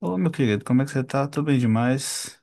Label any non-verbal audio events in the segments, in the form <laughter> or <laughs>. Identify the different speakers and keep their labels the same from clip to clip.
Speaker 1: Ô, meu querido, como é que você tá? Tô bem demais.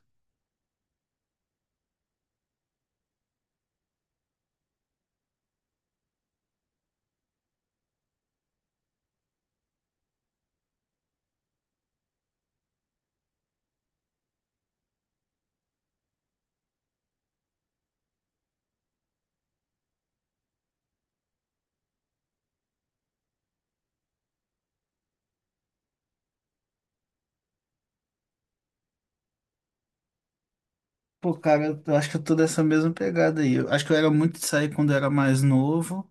Speaker 1: Pô, cara, eu acho que eu tô dessa mesma pegada aí. Eu acho que eu era muito de sair quando eu era mais novo,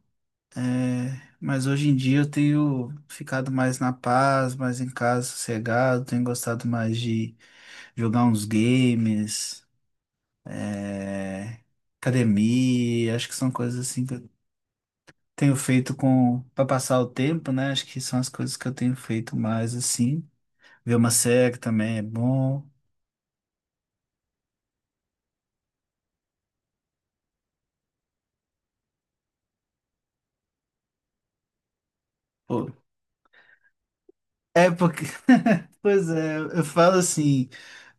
Speaker 1: é, mas hoje em dia eu tenho ficado mais na paz, mais em casa, sossegado, tenho gostado mais de jogar uns games, é, academia, acho que são coisas assim que eu tenho feito com para passar o tempo, né? Acho que são as coisas que eu tenho feito mais assim. Ver uma série também é bom. É porque, <laughs> pois é, eu falo assim,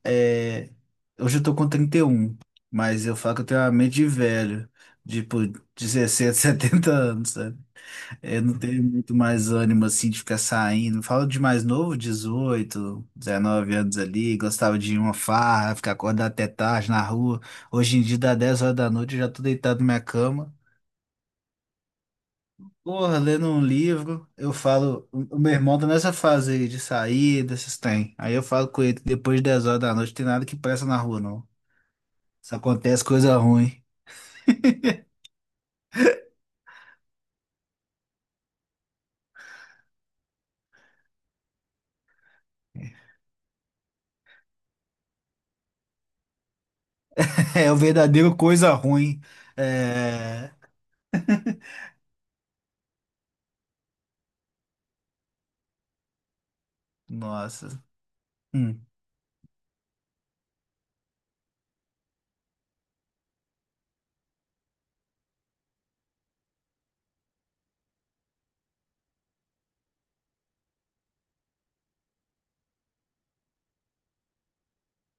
Speaker 1: é, hoje eu tô com 31, mas eu falo que eu tenho uma mente de velho, tipo dezessete, <laughs> 70 anos, sabe? É, eu não tenho muito mais ânimo assim de ficar saindo. Falo de mais novo, 18, 19 anos ali, gostava de ir uma farra, ficar acordado até tarde na rua. Hoje em dia dá 10 horas da noite, eu já tô deitado na minha cama. Porra, lendo um livro, eu falo. O meu irmão tá nessa fase aí de sair, desses tem. Aí eu falo com ele, depois de 10 horas da noite, tem nada que presta na rua, não. Só acontece coisa ruim. <laughs> É o verdadeiro coisa ruim. É. <laughs> Nossa. Hum.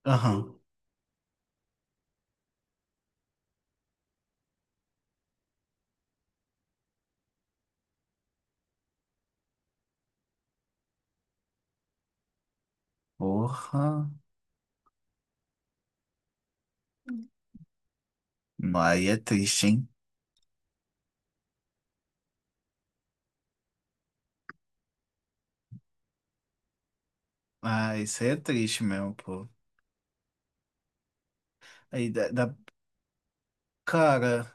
Speaker 1: Aham. Porra. Não, aí é triste, hein? Ah, isso aí é triste mesmo, pô. Aí Cara.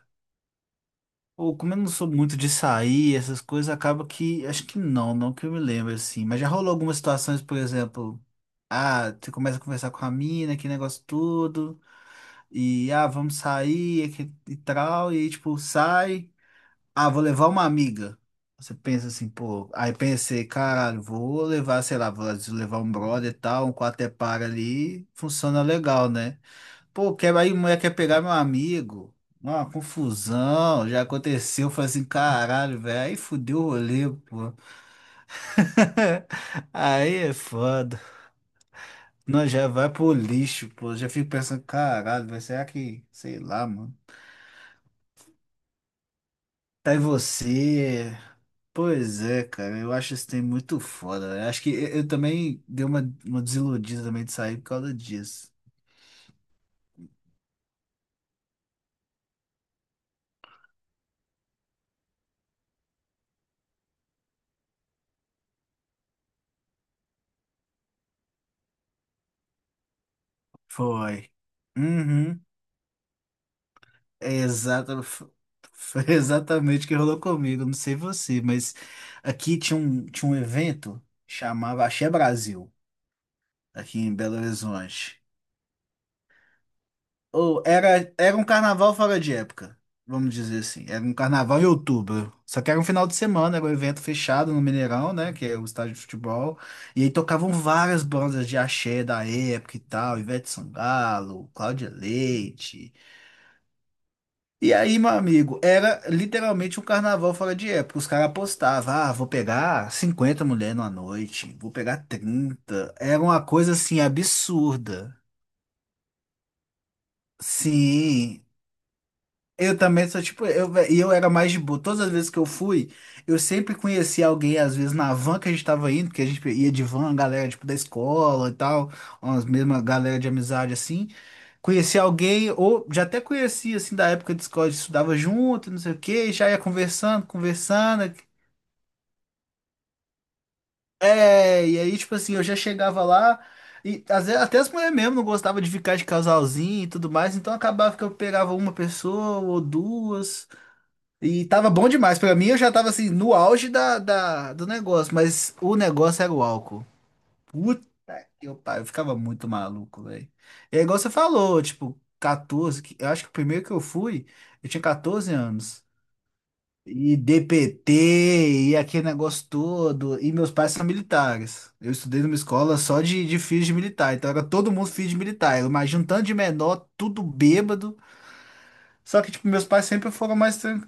Speaker 1: Ou como eu não sou muito de sair, essas coisas, acaba que. Acho que não, que eu me lembro, assim. Mas já rolou algumas situações, por exemplo. Ah, você começa a conversar com a mina, que negócio tudo. E, ah, vamos sair e, e tal. E, tipo, sai. Ah, vou levar uma amiga. Você pensa assim, pô. Aí pensei, caralho, vou levar, sei lá, vou levar um brother e tal, um quarto é para ali. Funciona legal, né? Pô, quer, aí mulher quer pegar meu amigo. Uma confusão, já aconteceu, foi assim, caralho, velho. Aí fudeu o rolê, pô. <laughs> Aí é foda. Nós já vai pro lixo, pô. Já fico pensando, caralho, velho, será que, sei lá, mano. Tá em você. Pois é, cara, eu acho esse tem muito foda, velho. Acho que eu também dei uma desiludida também de sair por causa disso. Foi. Uhum. É exata- f- foi <laughs> exatamente o que rolou comigo. Não sei você, mas aqui tinha tinha um evento chamava Axé Brasil, aqui em Belo Horizonte. Ou era, era um carnaval fora de época, vamos dizer assim. Era um carnaval em outubro. Só que era um final de semana, era um evento fechado no Mineirão, né? Que é o estádio de futebol. E aí tocavam várias bandas de axé da época e tal, Ivete Sangalo, Cláudia Leite. E aí, meu amigo, era literalmente um carnaval fora de época. Os caras apostavam, ah, vou pegar 50 mulheres numa noite, vou pegar trinta. Era uma coisa assim absurda. Sim, eu também sou tipo, e eu era mais de boa. Todas as vezes que eu fui, eu sempre conhecia alguém, às vezes na van que a gente tava indo, que a gente ia de van, galera tipo da escola e tal, umas mesmas galera de amizade assim. Conhecia alguém, ou já até conhecia assim da época de escola, a gente estudava junto, não sei o quê, já ia conversando. É, e aí tipo assim, eu já chegava lá. E às vezes, até as mulheres mesmo não gostavam de ficar de casalzinho e tudo mais, então acabava que eu pegava uma pessoa ou duas. E tava bom demais. Pra mim, eu já tava assim, no auge do negócio, mas o negócio era o álcool. Puta que pariu, eu ficava muito maluco, velho. É igual você falou, tipo, 14, eu acho que o primeiro que eu fui, eu tinha 14 anos. E DPT, e aquele negócio todo. E meus pais são militares. Eu estudei numa escola só de filhos de militar, então era todo mundo filho de militar. Eu imagino um tanto de menor, tudo bêbado. Só que, tipo, meus pais sempre foram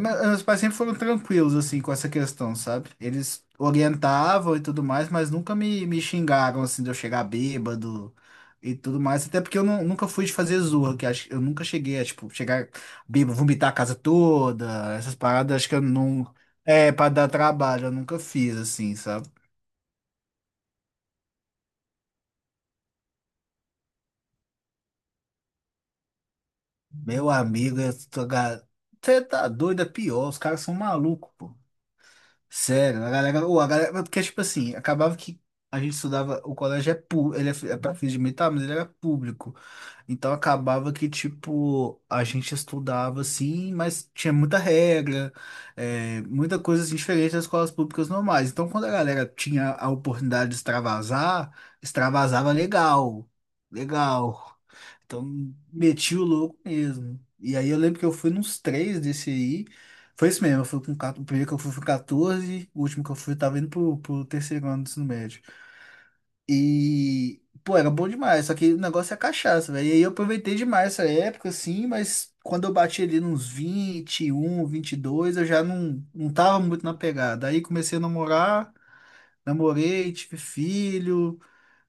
Speaker 1: meus pais sempre foram tranquilos, assim, com essa questão, sabe? Eles orientavam e tudo mais, mas nunca me xingaram, assim, de eu chegar bêbado e tudo mais. Até porque eu nunca fui de fazer zorra, que acho, eu nunca cheguei a, tipo, chegar bêbado, vomitar a casa toda, essas paradas, acho que eu não... É, pra dar trabalho, eu nunca fiz, assim, sabe? Meu amigo, você tá doido, é pior, os caras são malucos, pô. Sério, a galera, porque tipo assim, acabava que a gente estudava, o colégio é público, ele é, é para fins de militar, mas ele era público. Então acabava que tipo, a gente estudava assim, mas tinha muita regra, muita coisa assim, diferente das escolas públicas normais. Então quando a galera tinha a oportunidade de extravasar, extravasava legal, legal. Então, meti o louco mesmo. E aí eu lembro que eu fui nos três desse aí. Foi isso mesmo, eu fui com 14, o primeiro que eu fui foi 14, o último que eu fui eu tava indo pro, pro terceiro ano do ensino médio. E, pô, era bom demais, só que o negócio é cachaça, velho. E aí eu aproveitei demais essa época, assim, mas quando eu bati ali nos 21, 22 eu já não tava muito na pegada. Aí comecei a namorar, namorei, tive filho,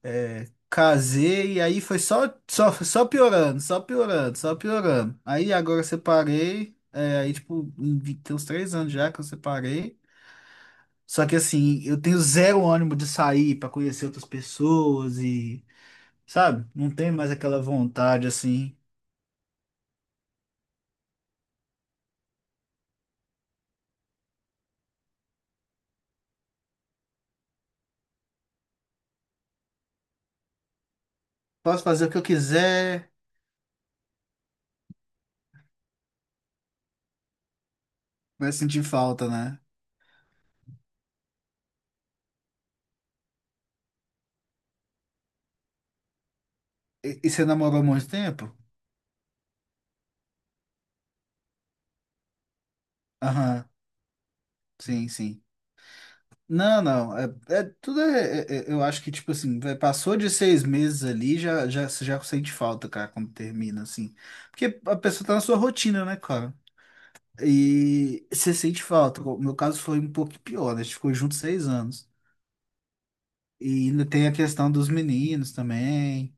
Speaker 1: é, casei e aí foi só, piorando, só piorando, só piorando. Aí agora eu separei, é, aí tipo, tem uns três anos já que eu separei. Só que assim, eu tenho zero ânimo de sair pra conhecer outras pessoas e, sabe? Não tem mais aquela vontade assim. Posso fazer o que eu quiser, vai sentir falta, né? E você namorou há muito tempo? Aham, sim. Não. Tudo é, eu acho que, tipo assim, passou de seis meses ali, você já sente falta, cara, quando termina, assim. Porque a pessoa tá na sua rotina, né, cara? E você sente falta. O meu caso foi um pouco pior, né? A gente ficou junto seis anos. E ainda tem a questão dos meninos também.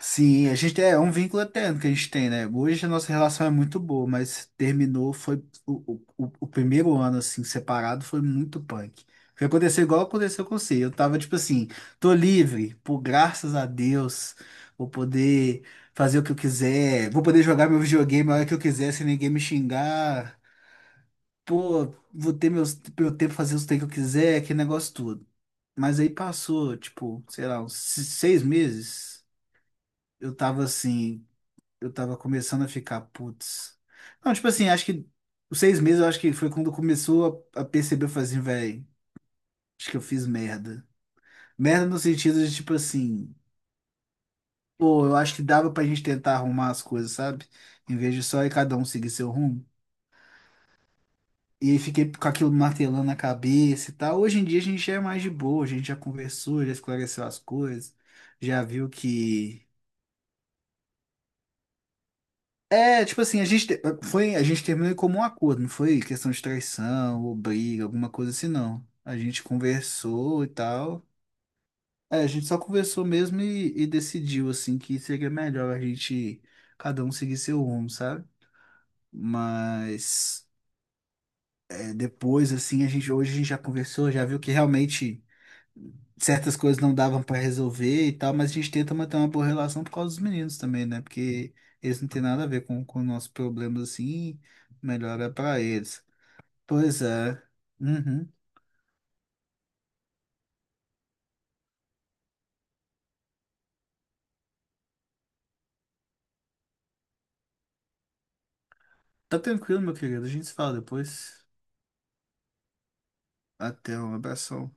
Speaker 1: Sim, a gente é um vínculo eterno que a gente tem, né? Hoje a nossa relação é muito boa, mas terminou, foi o primeiro ano, assim, separado, foi muito punk. Foi acontecer igual aconteceu com você. Eu tava tipo assim, tô livre, por graças a Deus, vou poder fazer o que eu quiser, vou poder jogar meu videogame a hora que eu quiser, sem ninguém me xingar. Pô, meu tempo fazer os treinos que eu quiser, aquele negócio todo. Mas aí passou, tipo, sei lá, uns se- seis meses. Eu tava assim eu tava começando a ficar, putz. Não, tipo assim, acho que os seis meses eu acho que foi quando começou a perceber, eu falei assim, velho, acho que eu fiz merda. Merda no sentido de, tipo assim, pô, eu acho que dava pra gente tentar arrumar as coisas, sabe? Em vez de só ir cada um seguir seu rumo. E aí fiquei com aquilo martelando na cabeça e tal. Hoje em dia a gente já é mais de boa, a gente já conversou, já esclareceu as coisas, já viu que. É, tipo assim, a gente, a gente terminou em comum acordo, não foi questão de traição ou briga, alguma coisa assim, não. A gente conversou e tal. É, a gente só conversou mesmo e decidiu, assim, que seria melhor a gente, cada um seguir seu rumo, sabe? Mas é, depois, assim, hoje a gente já conversou, já viu que realmente certas coisas não davam pra resolver e tal, mas a gente tenta manter uma boa relação por causa dos meninos também, né? Porque eles não têm nada a ver com nossos problemas assim, melhor é pra eles. Pois é. Uhum. Tá tranquilo, meu querido. A gente se fala depois. Até um abração.